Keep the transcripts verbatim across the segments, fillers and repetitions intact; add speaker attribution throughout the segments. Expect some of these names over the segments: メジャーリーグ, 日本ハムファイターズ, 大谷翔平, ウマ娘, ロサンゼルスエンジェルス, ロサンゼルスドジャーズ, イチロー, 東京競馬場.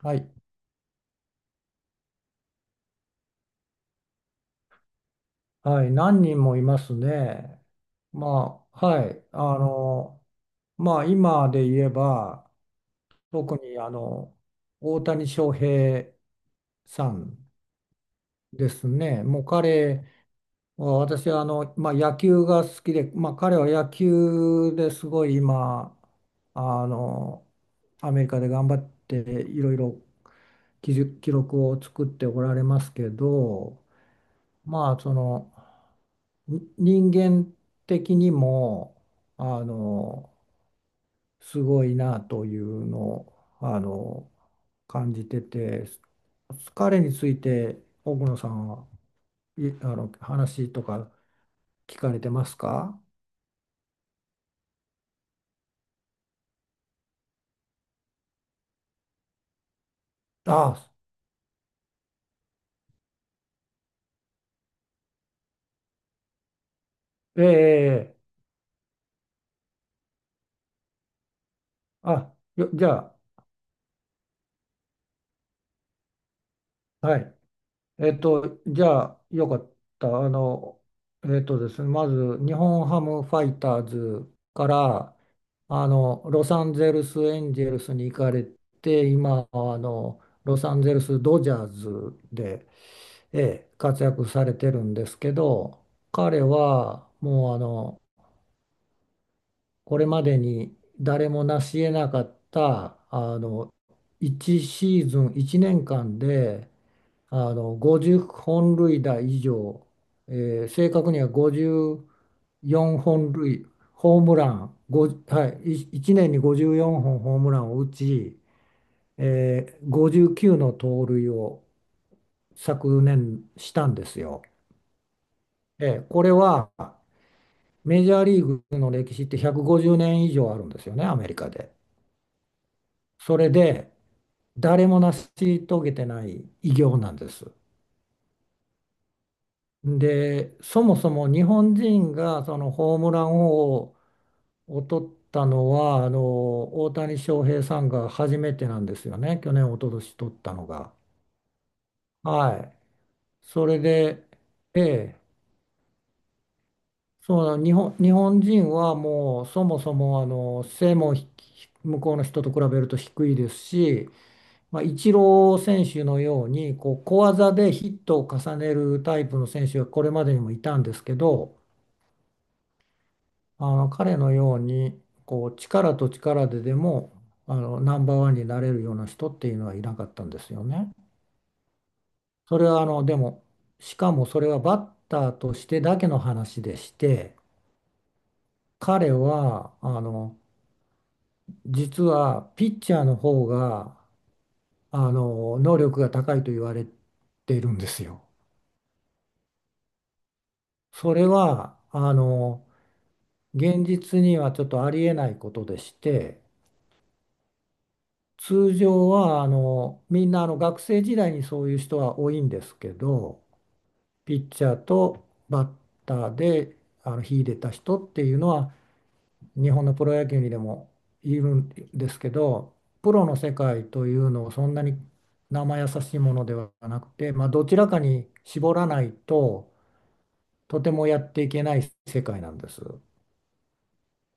Speaker 1: はい、はい、何人もいますね。まあ、はい、あの、まあ、今で言えば、特にあの、大谷翔平さんですね。もう彼は、私はあの、まあ、野球が好きで、まあ、彼は野球ですごい今、あの、アメリカで頑張っていろいろ記録記録を作っておられますけど、まあ、その、人間的にもあのすごいなというのをあの感じてて、彼について奥野さんはいあの話とか聞かれてますか？あ、ええええ、あ、よじゃあ、はい、えっと、じゃあ、よかった。あの、えっとですね、まず、日本ハムファイターズから、あの、ロサンゼルスエンジェルスに行かれて、今、あの、ロサンゼルスドジャーズで、ええ、活躍されてるんですけど、彼は、もう、あの、これまでに誰も成し得なかった、あの、いちシーズン、いちねんかんで、あのごじゅっぽん塁打以上、えー正確には54本塁、ホームラン、ごはい、いいちねんにごじゅうよんほんホームランを打ち、えーごじゅうきゅうの盗塁を昨年したんですよ。えーこれはメジャーリーグの歴史ってひゃくごじゅうねん以上あるんですよね、アメリカで。それで誰も成し遂げてない偉業なんです。で、そもそも日本人がそのホームラン王を取ったのは、あの大谷翔平さんが初めてなんですよね、去年、一昨年取ったのが。はい、それで、ええ、そうなの日本、日本人はもうそもそもあの背もひ向こうの人と比べると低いですし、まあ、イチロー選手のようにこう小技でヒットを重ねるタイプの選手はこれまでにもいたんですけど。あの彼のようにこう力と力ででもあのナンバーワンになれるような人っていうのはいなかったんですよね。それはあのでもしかもそれはバッターとしてだけの話でして、彼はあの実はピッチャーの方があの能力が高いと言われているんですよ。それはあの現実にはちょっとありえないことでして。通常はあのみんなあの学生時代にそういう人は多いんですけど、ピッチャーとバッターであの秀でた人っていうのは日本のプロ野球にでもいるんですけど、プロの世界というのをそんなに生易しいものではなくて、まあ、どちらかに絞らないととてもやっていけない世界なんです。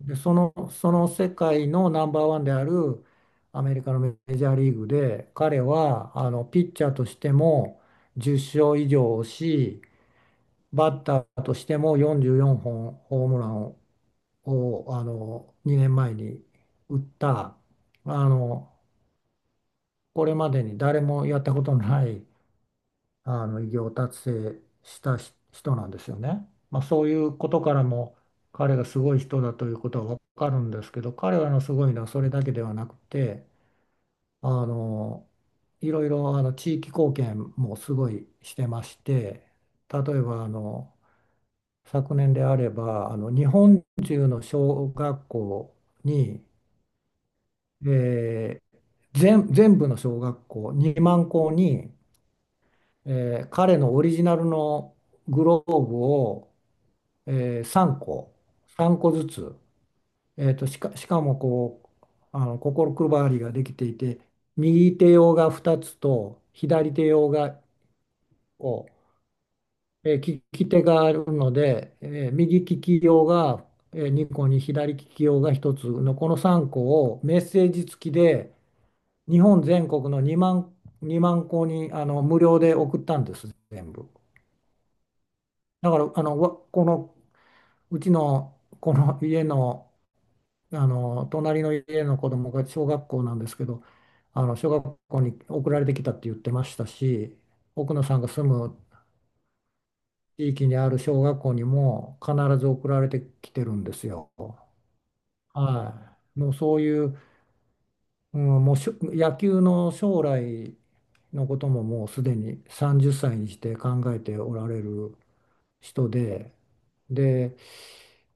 Speaker 1: で、その、その世界のナンバーワンであるアメリカのメジャーリーグで、彼はあのピッチャーとしてもじゅう勝以上をし、バッターとしてもよんじゅうよんほんホームランを、をあのにねんまえに打った、あのこれまでに誰もやったことのないあの偉業達成したし人なんですよね。まあ、そういうことからも彼がすごい人だということは分かるんですけど、彼らのすごいのはそれだけではなくて、あのいろいろあの地域貢献もすごいしてまして、例えばあの昨年であればあの日本中の小学校に、えー全、全部の小学校にまん校にえー彼のオリジナルのグローブを、えーさんこ、さんこずつ、えーと、しか、しかもこう、あの心配りができていて、右手用がふたつと左手用がを、えー利き手があるので、えー右利き用が、えーにこに左利き用がひとつのこのさんこをメッセージ付きで日本全国のにまん、にまん個にあの無料で送ったんです、全部。だからあのわこのうちのこの家の、あの隣の家の子供が小学校なんですけど、あの小学校に送られてきたって言ってましたし、奥野さんが住む地域にある小学校にも必ず送られてきてるんですよ。はい、もうそういう、うん、もうしょ野球の将来のことももうすでにさんじゅっさいにして考えておられる人で、で、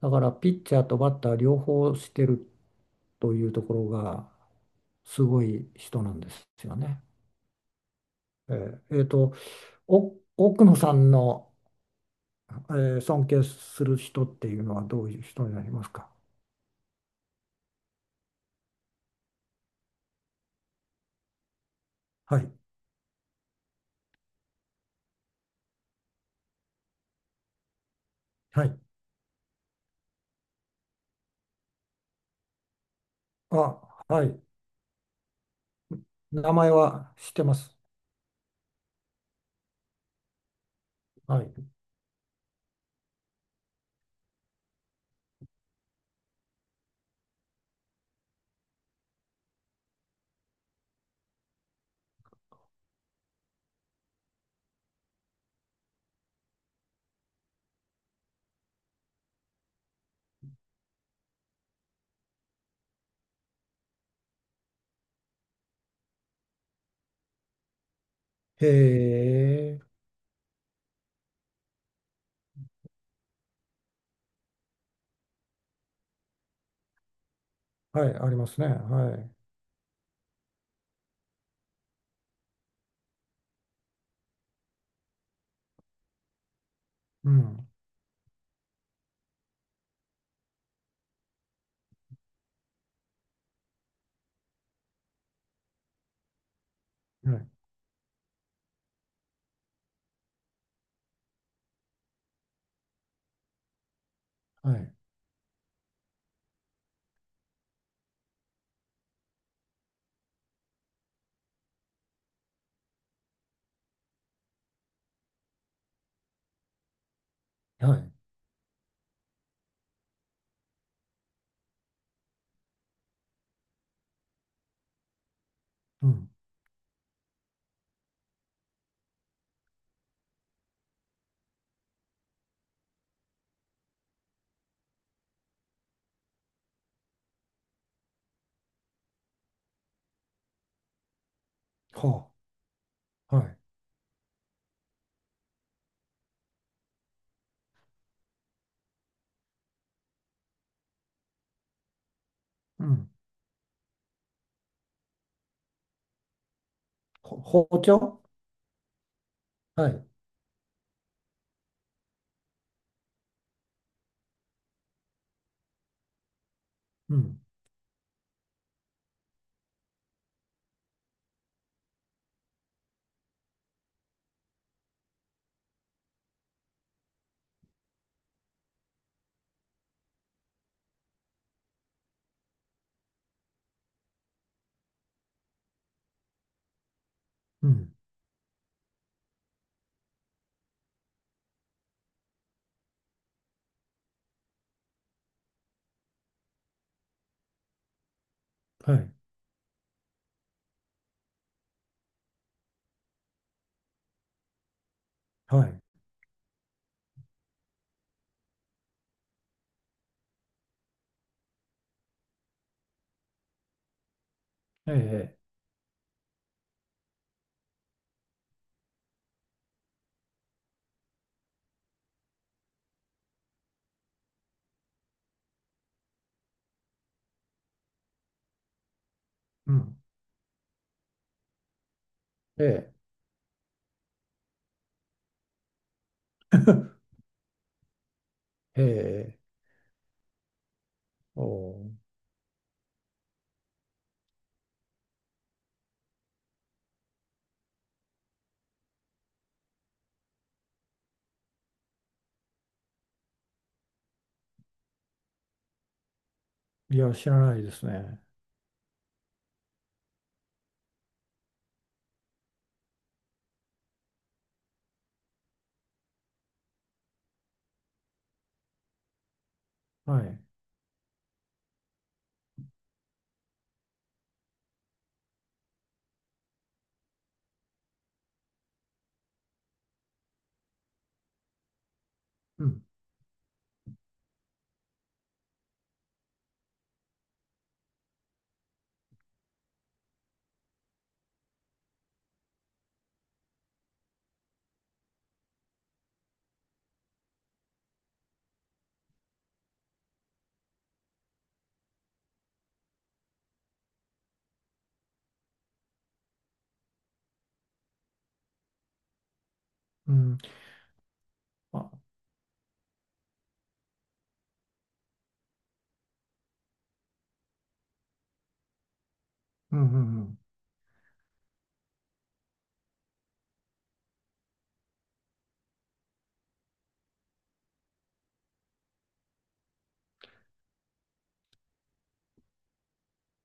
Speaker 1: だからピッチャーとバッター両方してるというところがすごい人なんですよね。えーえーと、お奥野さんの、えー尊敬する人っていうのはどういう人になりますか？はい。はい。あ、はい。名前は知ってます。はい。へえ。はい、ありますね。はい。うん。はい。はい。はい。うん。はあ。はい。うん。ほ包丁。はい。うん。うん。はい。はい。ええ。うん。ええ。へえ、おう、いや、知らないですね。はい。うん、うん。あ、うん、うん、うん。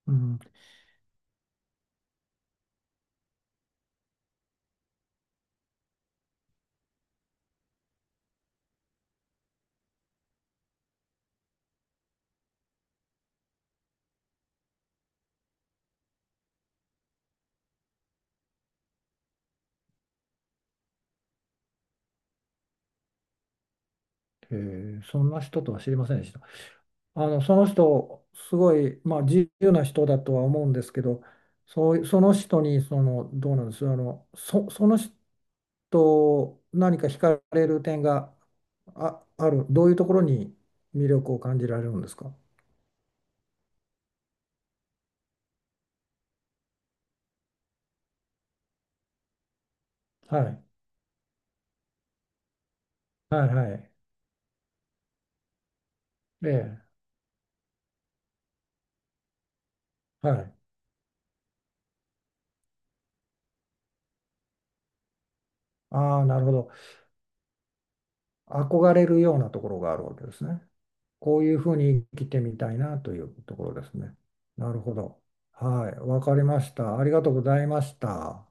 Speaker 1: うん、へえ、そんな人とは知りませんでした。あの、その人、すごい、まあ、自由な人だとは思うんですけど、そう、その人に、その、どうなんです、あの、そ、その人、何か惹かれる点が、あ、ある、どういうところに魅力を感じられるんですか？はい、はい、はい。ええ、はい。ああ、なるほど。憧れるようなところがあるわけですね。こういうふうに生きてみたいなというところですね。なるほど。はい、わかりました。ありがとうございました。